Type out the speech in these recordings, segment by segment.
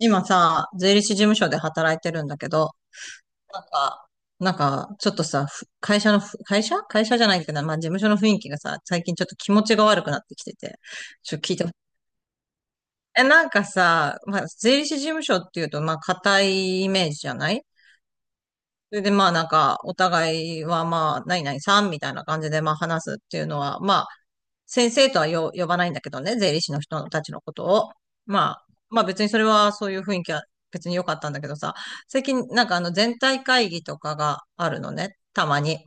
今さ、税理士事務所で働いてるんだけど、ちょっとさ、ふ会社のふ、会社会社じゃないけど、まあ事務所の雰囲気がさ、最近ちょっと気持ちが悪くなってきてて、ちょっと聞いてほしい。なんかさ、まあ税理士事務所っていうと、まあ固いイメージじゃない？それでまあお互いはまあ、何々さんみたいな感じでまあ話すっていうのは、まあ、先生とは呼ばないんだけどね、税理士の人たちのことを。まあ、まあ別にそれはそういう雰囲気は別に良かったんだけどさ、最近あの全体会議とかがあるのね、たまに。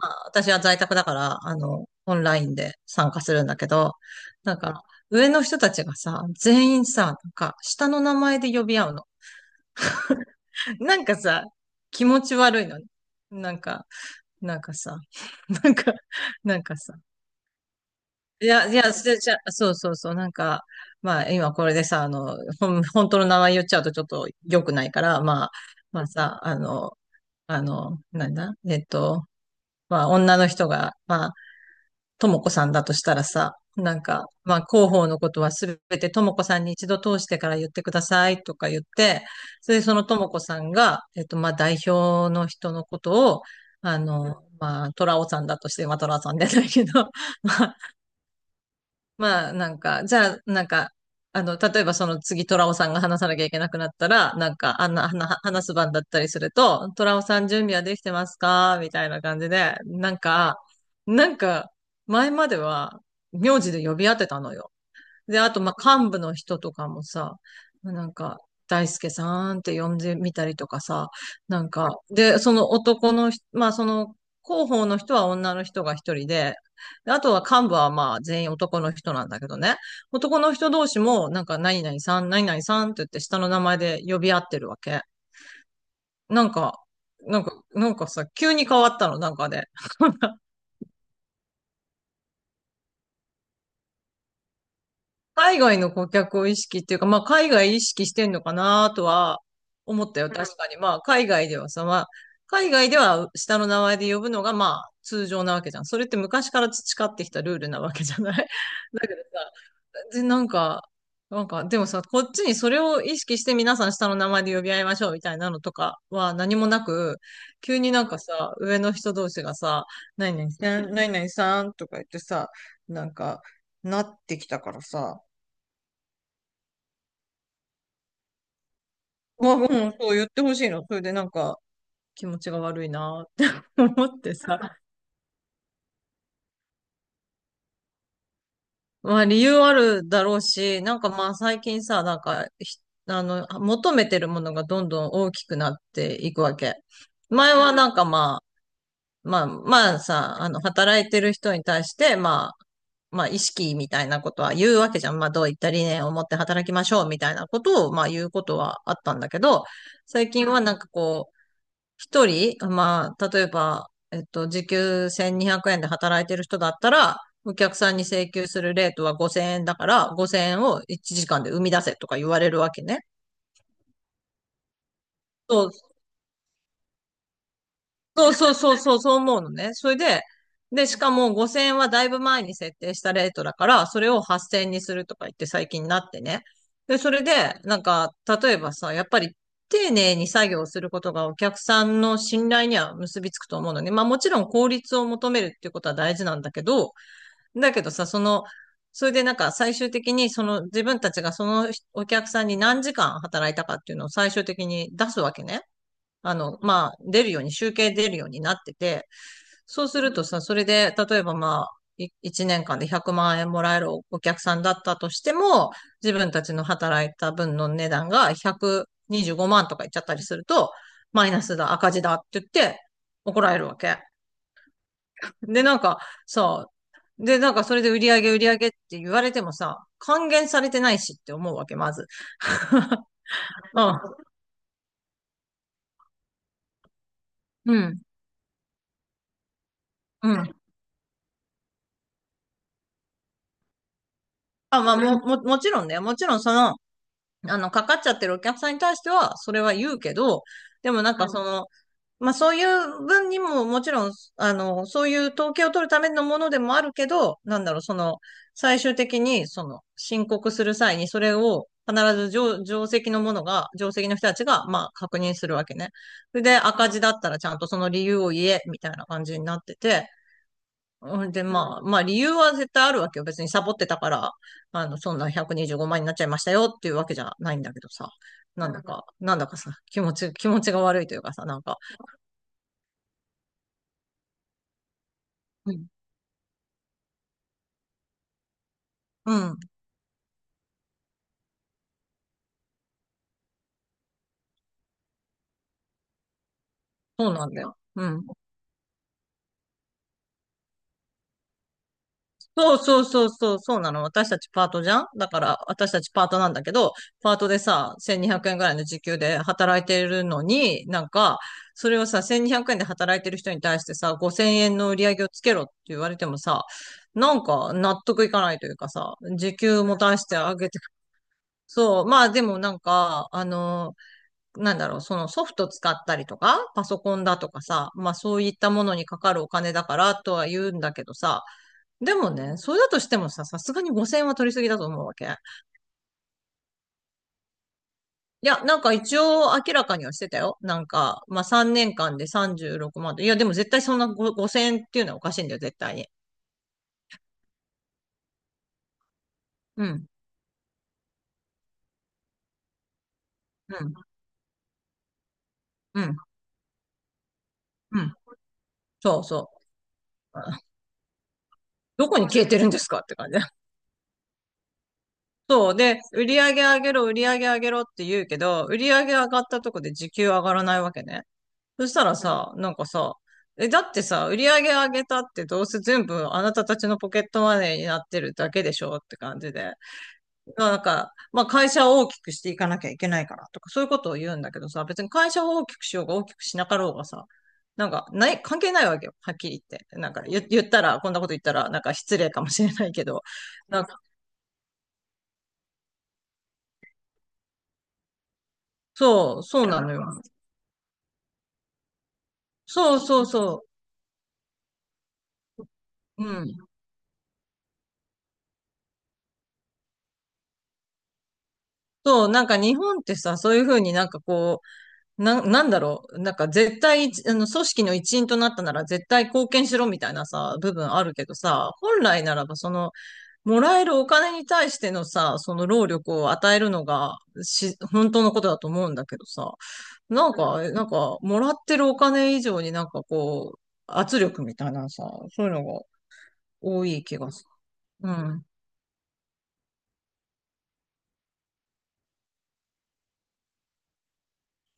まあ私は在宅だから、あの、オンラインで参加するんだけど、なんか、上の人たちがさ、全員さ、下の名前で呼び合うの。なんかさ、気持ち悪いのね。なんか、なんかさ、なんか、なんかさ、いや、いや、それじゃ、そうそうそう、まあ、今これでさ、あの、本当の名前言っちゃうとちょっと良くないから、まあ、まあさ、あの、あの、なんだ、えっと、まあ、女の人が、まあ、ともこさんだとしたらさ、まあ、広報のことはすべてともこさんに一度通してから言ってくださいとか言って、それでそのともこさんが、まあ、代表の人のことを、あの、まあ、トラオさんだとして、まあ、トラオさんじゃないけど、まあ、まあ、なんか、じゃあ、なんか、あの、例えばその次、トラオさんが話さなきゃいけなくなったら、なんか、あんな、はな話す番だったりすると、トラオさん準備はできてますかみたいな感じで、なんか、前までは、名字で呼び合ってたのよ。で、あと、まあ、幹部の人とかもさ、なんか、大輔さんって呼んでみたりとかさ、その男の人、まあ、その、広報の人は女の人が一人で、であとは幹部はまあ全員男の人なんだけどね。男の人同士も何々さん、何々さんって言って下の名前で呼び合ってるわけ。なんか、なんか、なんかさ、急に変わったの、なんかで。海外の顧客を意識っていうか、まあ、海外意識してんのかなとは思ったよ。うん、確かに。まあ、海外ではさ、まあ、海外では下の名前で呼ぶのが、まあ、通常なわけじゃん。それって昔から培ってきたルールなわけじゃない？ だけどさ、で、なんか、なんか、でもさ、こっちにそれを意識して皆さん下の名前で呼び合いましょうみたいなのとかは何もなく、急になんかさ、上の人同士がさ、何々さん、何々さんとか言ってさ、なんか、なってきたからさ、まあ、うん、そう言ってほしいの。それで気持ちが悪いなって 思ってさ。まあ理由あるだろうし、まあ最近さ、なんかひ、あの、求めてるものがどんどん大きくなっていくわけ。前はまあ、まあまあさ、あの、働いてる人に対して、まあ、まあ意識みたいなことは言うわけじゃん。まあどういった理念を持って働きましょうみたいなことを、まあ言うことはあったんだけど、最近は一人、まあ、例えば、えっと、時給1200円で働いてる人だったら、お客さんに請求するレートは5000円だから、5000円を1時間で生み出せとか言われるわけね。そう、そうそうそうそう、そう思うのね。それで、しかも5000円はだいぶ前に設定したレートだから、それを8000円にするとか言って最近になってね。で、それで、なんか、例えばさ、やっぱり丁寧に作業することがお客さんの信頼には結びつくと思うのね。まあもちろん効率を求めるっていうことは大事なんだけど、だけどさ、その、それで最終的にその自分たちがそのお客さんに何時間働いたかっていうのを最終的に出すわけね。あの、まあ、出るように、集計出るようになってて、そうするとさ、それで、例えばまあ、1年間で100万円もらえるお客さんだったとしても、自分たちの働いた分の値段が125万とかいっちゃったりすると、マイナスだ、赤字だって言って怒られるわけ。で、なんかさ、で、なんかそれで売り上げ売り上げって言われてもさ、還元されてないしって思うわけ、まず。うん、うん、うん。あ、まあ、もちろんね、もちろんその、あの、かかっちゃってるお客さんに対しては、それは言うけど、でもその、まあそういう分にももちろん、あの、そういう統計を取るためのものでもあるけど、なんだろう、その、最終的に、その、申告する際に、それを必ず上席のものが、上席の人たちが、まあ確認するわけね。それで赤字だったらちゃんとその理由を言え、みたいな感じになってて、ほんで、まあ、まあ理由は絶対あるわけよ。別にサボってたから、あの、そんな125万にじゅうごまんになっちゃいましたよっていうわけじゃないんだけどさ。なんだかさ、気持ちが悪いというかさ、うん。うん、そうなんだよ。うん。そうそうそうそう、そうなの。私たちパートなんだけど、パートでさ、1200円ぐらいの時給で働いてるのに、それをさ、1200円で働いてる人に対してさ、5000円の売り上げをつけろって言われてもさ、納得いかないというかさ、時給も出してあげて、そう、まあでもなんか、あの、なんだろう、そのソフト使ったりとか、パソコンだとかさ、まあそういったものにかかるお金だからとは言うんだけどさ、でもね、それだとしてもさ、さすがに5000は取りすぎだと思うわけ。いや、一応明らかにはしてたよ。なんか、まあ3年間で36万でさんじゅうろくまんと。いや、でも絶対そんな5000っていうのはおかしいんだよ、絶対に。うん、うん、うん、うん。そうそう。どこに消えてるんですかって感じ。そう。で、売り上げ上げろ、売り上げ上げろって言うけど、売り上げ上がったとこで時給上がらないわけね。そしたらさ、なんかさ、だってさ、売り上げ上げたってどうせ全部あなたたちのポケットマネーになってるだけでしょって感じで。まあなんか、まあ会社を大きくしていかなきゃいけないからとかそういうことを言うんだけどさ、別に会社を大きくしようが大きくしなかろうがさ、なんか、ない、関係ないわけよ。はっきり言って。なんか言ったら、こんなこと言ったら、なんか失礼かもしれないけど。なんか、そう、そうなのよ。そうそうそう。うん。そう、なんか日本ってさ、そういうふうになんかこう、なんだろう。なんか絶対、組織の一員となったなら絶対貢献しろみたいなさ、部分あるけどさ、本来ならばその、もらえるお金に対してのさ、その労力を与えるのが、本当のことだと思うんだけどさ、なんか、もらってるお金以上になんかこう、圧力みたいなさ、そういうのが多い気がする。うん、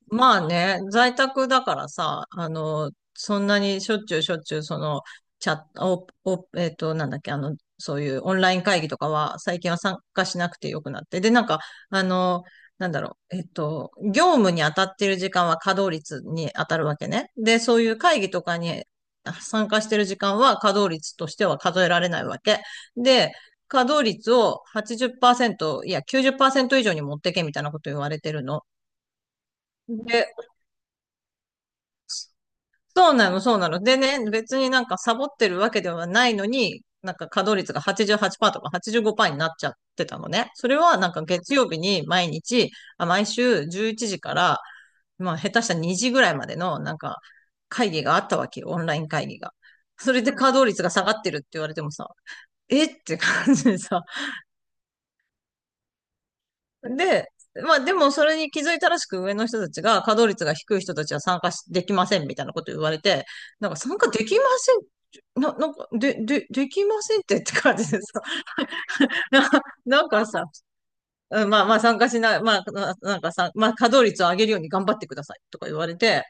まあね、在宅だからさ、そんなにしょっちゅうしょっちゅう、その、チャット、お、お、えっと、なんだっけ、そういうオンライン会議とかは、最近は参加しなくてよくなって。で、なんか、あの、なんだろう、業務に当たってる時間は稼働率に当たるわけね。で、そういう会議とかに参加してる時間は稼働率としては数えられないわけ。で、稼働率を80%、いや、90%以上に持ってけみたいなこと言われてるの。で、そうなの、そうなの。でね、別になんかサボってるわけではないのに、なんか稼働率が88%とか85%になっちゃってたのね。それはなんか月曜日に毎日、あ、毎週11時から、まあ下手したら2時ぐらいまでのなんか会議があったわけよ、オンライン会議が。それで稼働率が下がってるって言われてもさ、えって感じでさ、で、まあでもそれに気づいたらしく上の人たちが稼働率が低い人たちは参加しできませんみたいなこと言われて、なんか参加できません、なんか、で、できませんってって感じですか。な、なんかさ、うんまあまあ参加しない、まあな、なんかさ、まあ稼働率を上げるように頑張ってくださいとか言われて、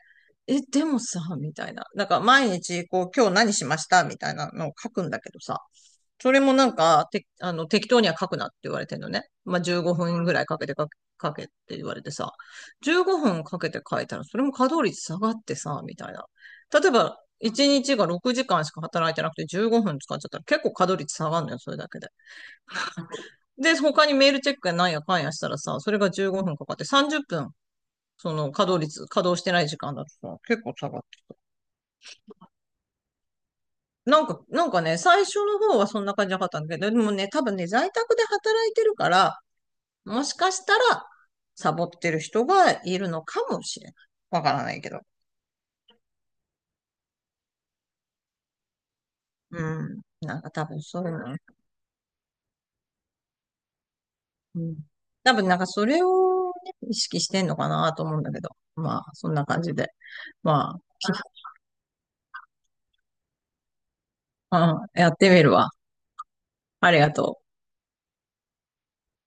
え、でもさ、みたいな。なんか毎日こう今日何しましたみたいなのを書くんだけどさ、それもなんか、て、あの、適当には書くなって言われてんのね。まあ、15分ぐらいかけて書け、書けって言われてさ、15分かけて書いたら、それも稼働率下がってさ、みたいな。例えば、1日が6時間しか働いてなくて15分使っちゃったら結構稼働率下がるのよ、それだけで。で、他にメールチェックやなんやかんやしたらさ、それが15分かかって30分、その稼働率、稼働してない時間だとさ、結構下がってた。なんかね、最初の方はそんな感じなかったんだけど、でもね、多分ね、在宅で働いてるから、もしかしたら、サボってる人がいるのかもしれない。わからないけど。うん。なんか多分そういうのね。うん。多分なんかそれを、ね、意識してんのかなと思うんだけど。まあ、そんな感じで。まあ、うん、やってみるわ。ありがとう。